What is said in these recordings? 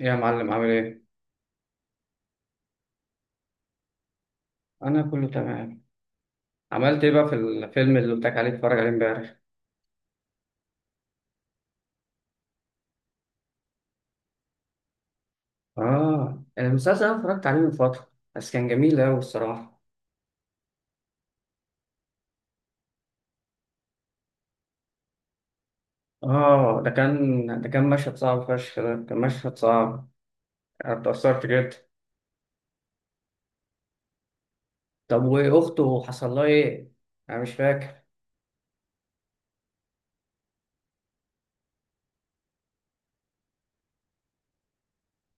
إيه يا معلم، عامل ايه؟ انا كله تمام. عملت ايه بقى في الفيلم اللي قلت لك عليه اتفرج عليه امبارح؟ اه، المسلسل انا اتفرجت عليه من فترة، بس كان جميل اوي الصراحة. اه، ده كان مشهد صعب فشخ، ده كان مشهد صعب. انا اتأثرت جدا. طب واخته حصل لها ايه؟ انا مش فاكر.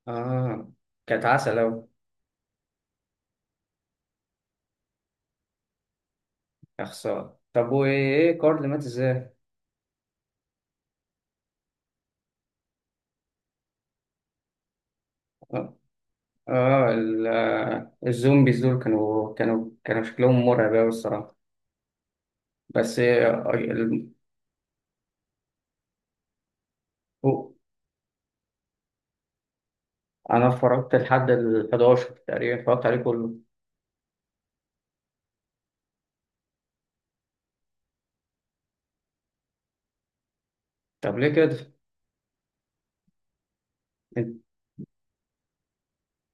اه، كانت عسل اوي. يا خسارة، طب وايه كارل مات ازاي؟ اه، الزومبيز دول كانوا شكلهم مرعب اوي الصراحة. بس ال- انا اتفرجت لحد ال 11 تقريبا، اتفرجت عليه كله. طب ليه كده؟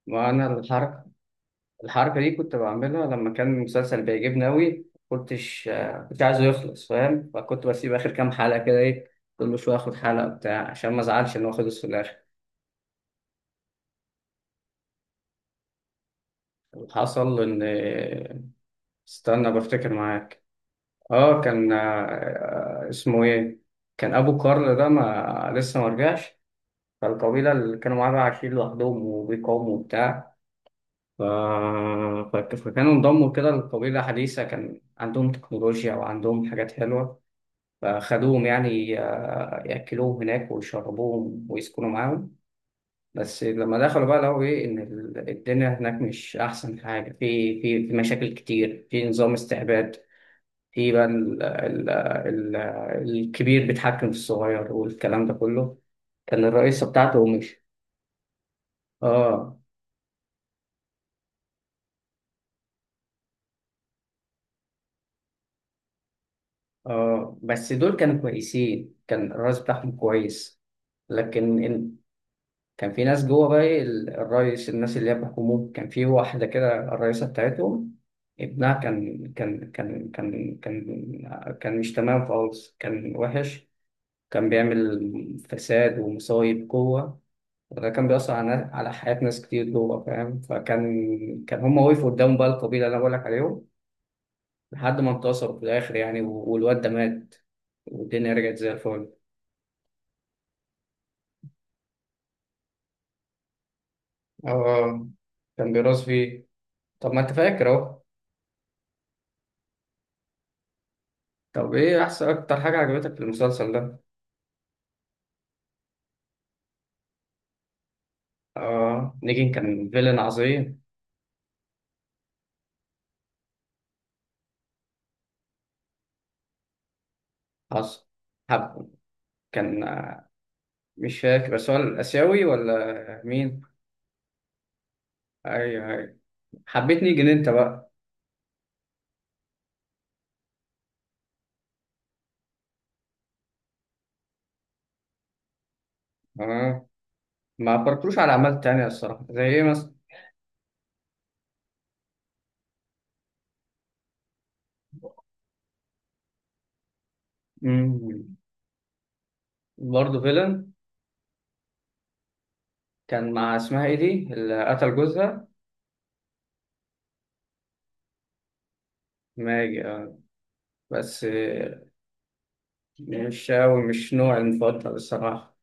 ما انا الحركه دي كنت بعملها لما كان المسلسل بيعجبني قوي، كنت عايزه يخلص، فاهم؟ فكنت بسيب اخر كام حلقه كده، ايه، كل شويه اخد حلقه بتاع عشان ما ازعلش ان هو خلص في الاخر. حصل ان... استنى بفتكر معاك. اه، كان اسمه ايه، كان ابو كارل ده ما لسه ما رجعش، فالقبيله اللي كانوا معاه بقى عايشين لوحدهم وبيقاوموا وبتاع. ف... فكانوا انضموا كده لقبيلة حديثة، كان عندهم تكنولوجيا وعندهم حاجات حلوة. فخدوهم يعني يأكلوهم هناك ويشربوهم ويسكنوا معاهم. بس لما دخلوا بقى لقوا إيه، إن الدنيا هناك مش أحسن حاجة، في مشاكل كتير، في نظام استعباد، في بقى الكبير بيتحكم في الصغير والكلام ده كله. كان الرئيسة بتاعته مش... اه. اه، بس دول كانوا كويسين، كان الرئيس بتاعهم كويس. لكن إن... كان في ناس جوه بقى، إيه، الرئيس، الناس اللي هي بيحكموه، كان في واحدة كده الرئيسة بتاعتهم، ابنها كان كان مش تمام خالص، كان وحش، كان بيعمل فساد ومصايب جوه، وده كان بيأثر على حياة ناس كتير جوه، فاهم؟ فكان هما وقفوا قدام بقى القبيلة اللي أنا بقولك عليهم لحد ما انتصر في الآخر يعني، والواد ده مات والدنيا رجعت زي الفل. اه، كان بيراث فيه. طب ما انت فاكر اهو. طب إيه أحسن أكتر حاجة عجبتك في المسلسل ده؟ اه، نيجن كان فيلن عظيم. حصل. حب. كان مش فاكر، بس هو الآسيوي ولا مين؟ أيوه أيوه، حبيت نيجي أنت بقى. اه، ما عبرتلوش على أعمال تانية الصراحة، زي إيه مثلا؟ امم، برضه فيلن. كان مع اسمها إيه دي اللي قتل جوزها؟ ماجي. بس مش أوي، مش نوعي المفضل الصراحة.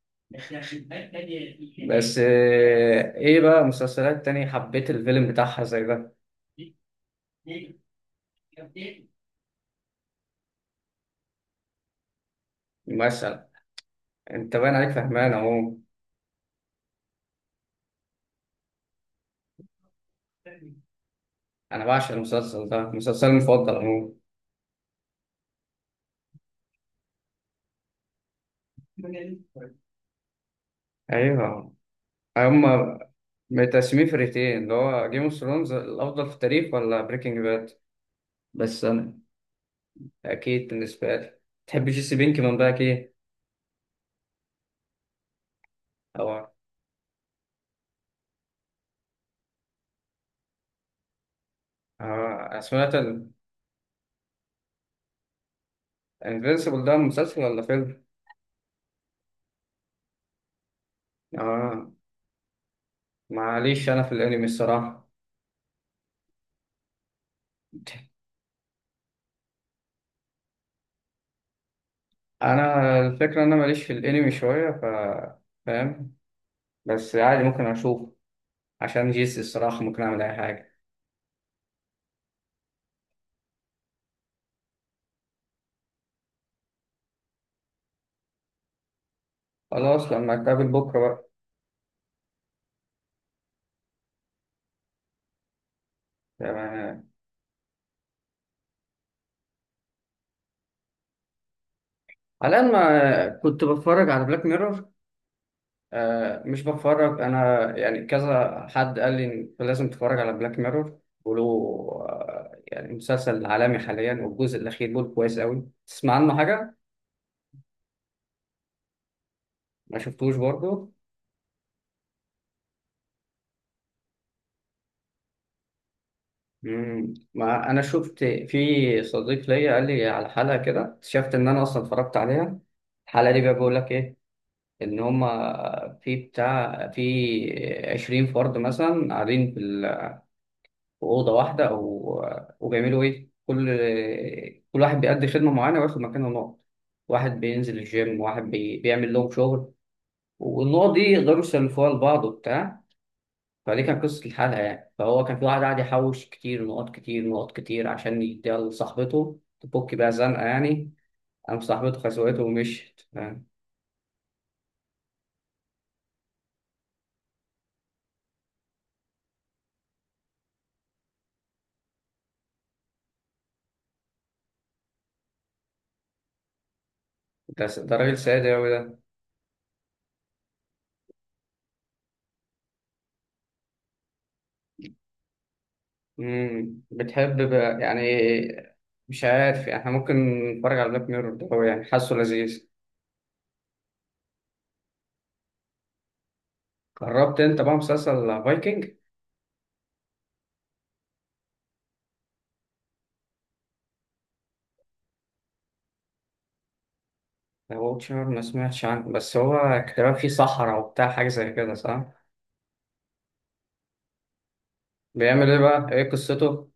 بس إيه بقى مسلسلات تانية حبيت الفيلم بتاعها زي ده؟ مثلا أنت باين عليك فهمان أهو. أنا بعشق المسلسل ده، مسلسلي المفضل أهو. أيوه، هما متقسمين فرقتين، اللي هو جيم اوف ثرونز الأفضل في التاريخ ولا بريكنج باد. بس أنا أكيد بالنسبة لي. تحب جيسي بينكمان بقى كده؟ أو... آه، سمعت. الانفينسيبل ده مسلسل ولا فيلم؟ آه، معليش انا في الانمي الصراحه. انا الفكره ان انا ماليش في الانمي شويه، ف... فاهم؟ بس عادي ممكن اشوف، عشان جيسي الصراحه ممكن اعمل اي حاجه. خلاص، لما اتقابل بكره بقى. تمام. على الان ما كنت بتفرج على بلاك ميرور. آه، مش بتفرج انا يعني، كذا حد قال لي إن لازم تتفرج على بلاك ميرور له. آه، يعني مسلسل عالمي حاليا، والجزء الاخير بيقول كويس قوي، تسمع عنه حاجه؟ ما شفتوش برضه. مم. ما انا شفت في صديق ليا قال لي على حلقه كده، اكتشفت ان انا اصلا اتفرجت عليها، الحلقه دي بقى بيقول لك ايه، ان هما في بتاع في 20 فرد مثلا قاعدين في في اوضه واحده، او وبيعملوا ايه، كل واحد بيأدي خدمه معينه وياخد مكانه نقط، واحد بينزل الجيم، واحد بيعمل لهم شغل، والنقط دي يقدروا يسلفوها لبعض وبتاع، فدي كانت قصة الحلقة يعني. فهو كان في واحد قاعد يحوش كتير نقط، كتير نقط كتير، عشان يديها لصاحبته تفك بيها زنقة يعني، قام صاحبته خسوته ومشيت، فاهم؟ ده راجل سادة أوي ده. مم. بتحب بقى يعني، مش عارف يعني، احنا ممكن نتفرج على بلاك ميرور ده، هو يعني حاسه لذيذ. جربت انت بقى مسلسل فايكنج؟ ذا ووتشر ما سمعتش عنه، بس هو كان فيه صحراء وبتاع حاجة زي كده، صح؟ بيعمل ايه بقى؟ ايه قصته؟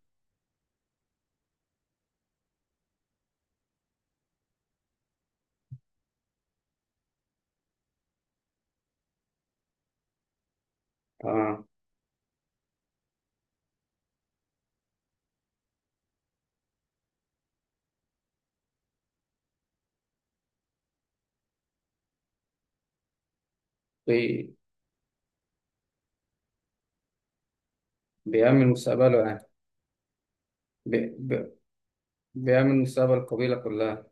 اه بي... بيعمل مستقبله يعني. بي... بيعمل مستقبل القبيلة كلها،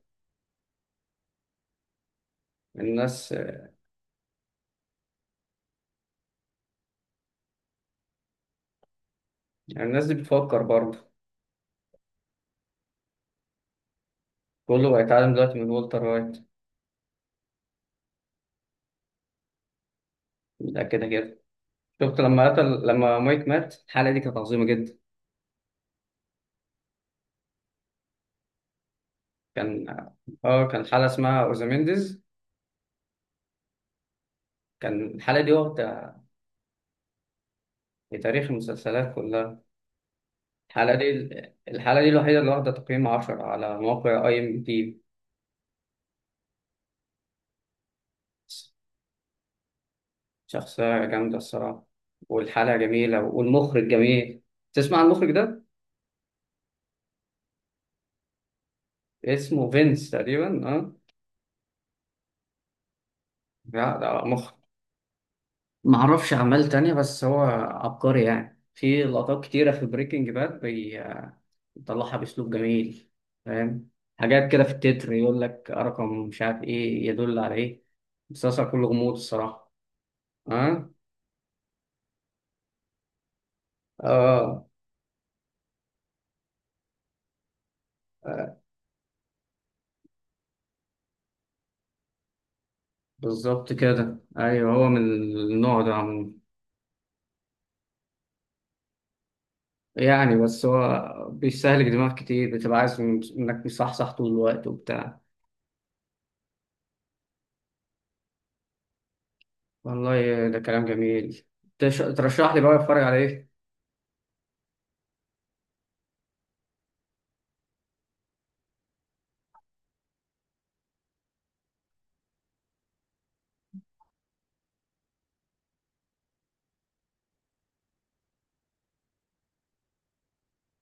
الناس. يعني الناس دي بتفكر برضه، كله بيتعلم دلوقتي من والتر وايت. ده كده كده شفت لما قتل لما مايك مات، الحلقة دي كانت عظيمة جدا. كان... اه كان حلقة اسمها اوزامينديز، كان الحلقة دي واخدة في تاريخ المسلسلات كلها. الحلقة دي الحلقة دي الوحيدة اللي واخدة تقييم 10 على موقع IMDB. شخصية جامدة الصراحة، والحلقة جميلة والمخرج جميل. تسمع عن المخرج ده؟ اسمه فينس تقريبا، اه. لا ده مخرج، معرفش أعمال تانية، بس هو عبقري يعني، في لقطات كتيرة في بريكنج باد بيطلعها بأسلوب جميل، فاهم؟ حاجات كده في التتر يقول لك رقم مش عارف إيه يدل على إيه، مسلسل كله غموض الصراحة. أه؟ آه، بالظبط كده. أيوه هو من النوع ده عموما، يعني بس هو بيستهلك دماغ كتير، بتبقى عايز إنك مصحصح طول الوقت وبتاع. والله ده كلام جميل. ترشح لي بقى أتفرج على إيه؟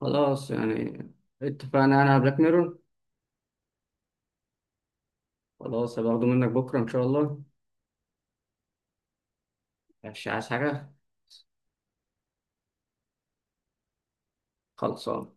خلاص يعني اتفقنا، انا على بلاك ميرور. خلاص، هبقى منك بكره ان شاء الله. مش عايز حاجه. خلصان.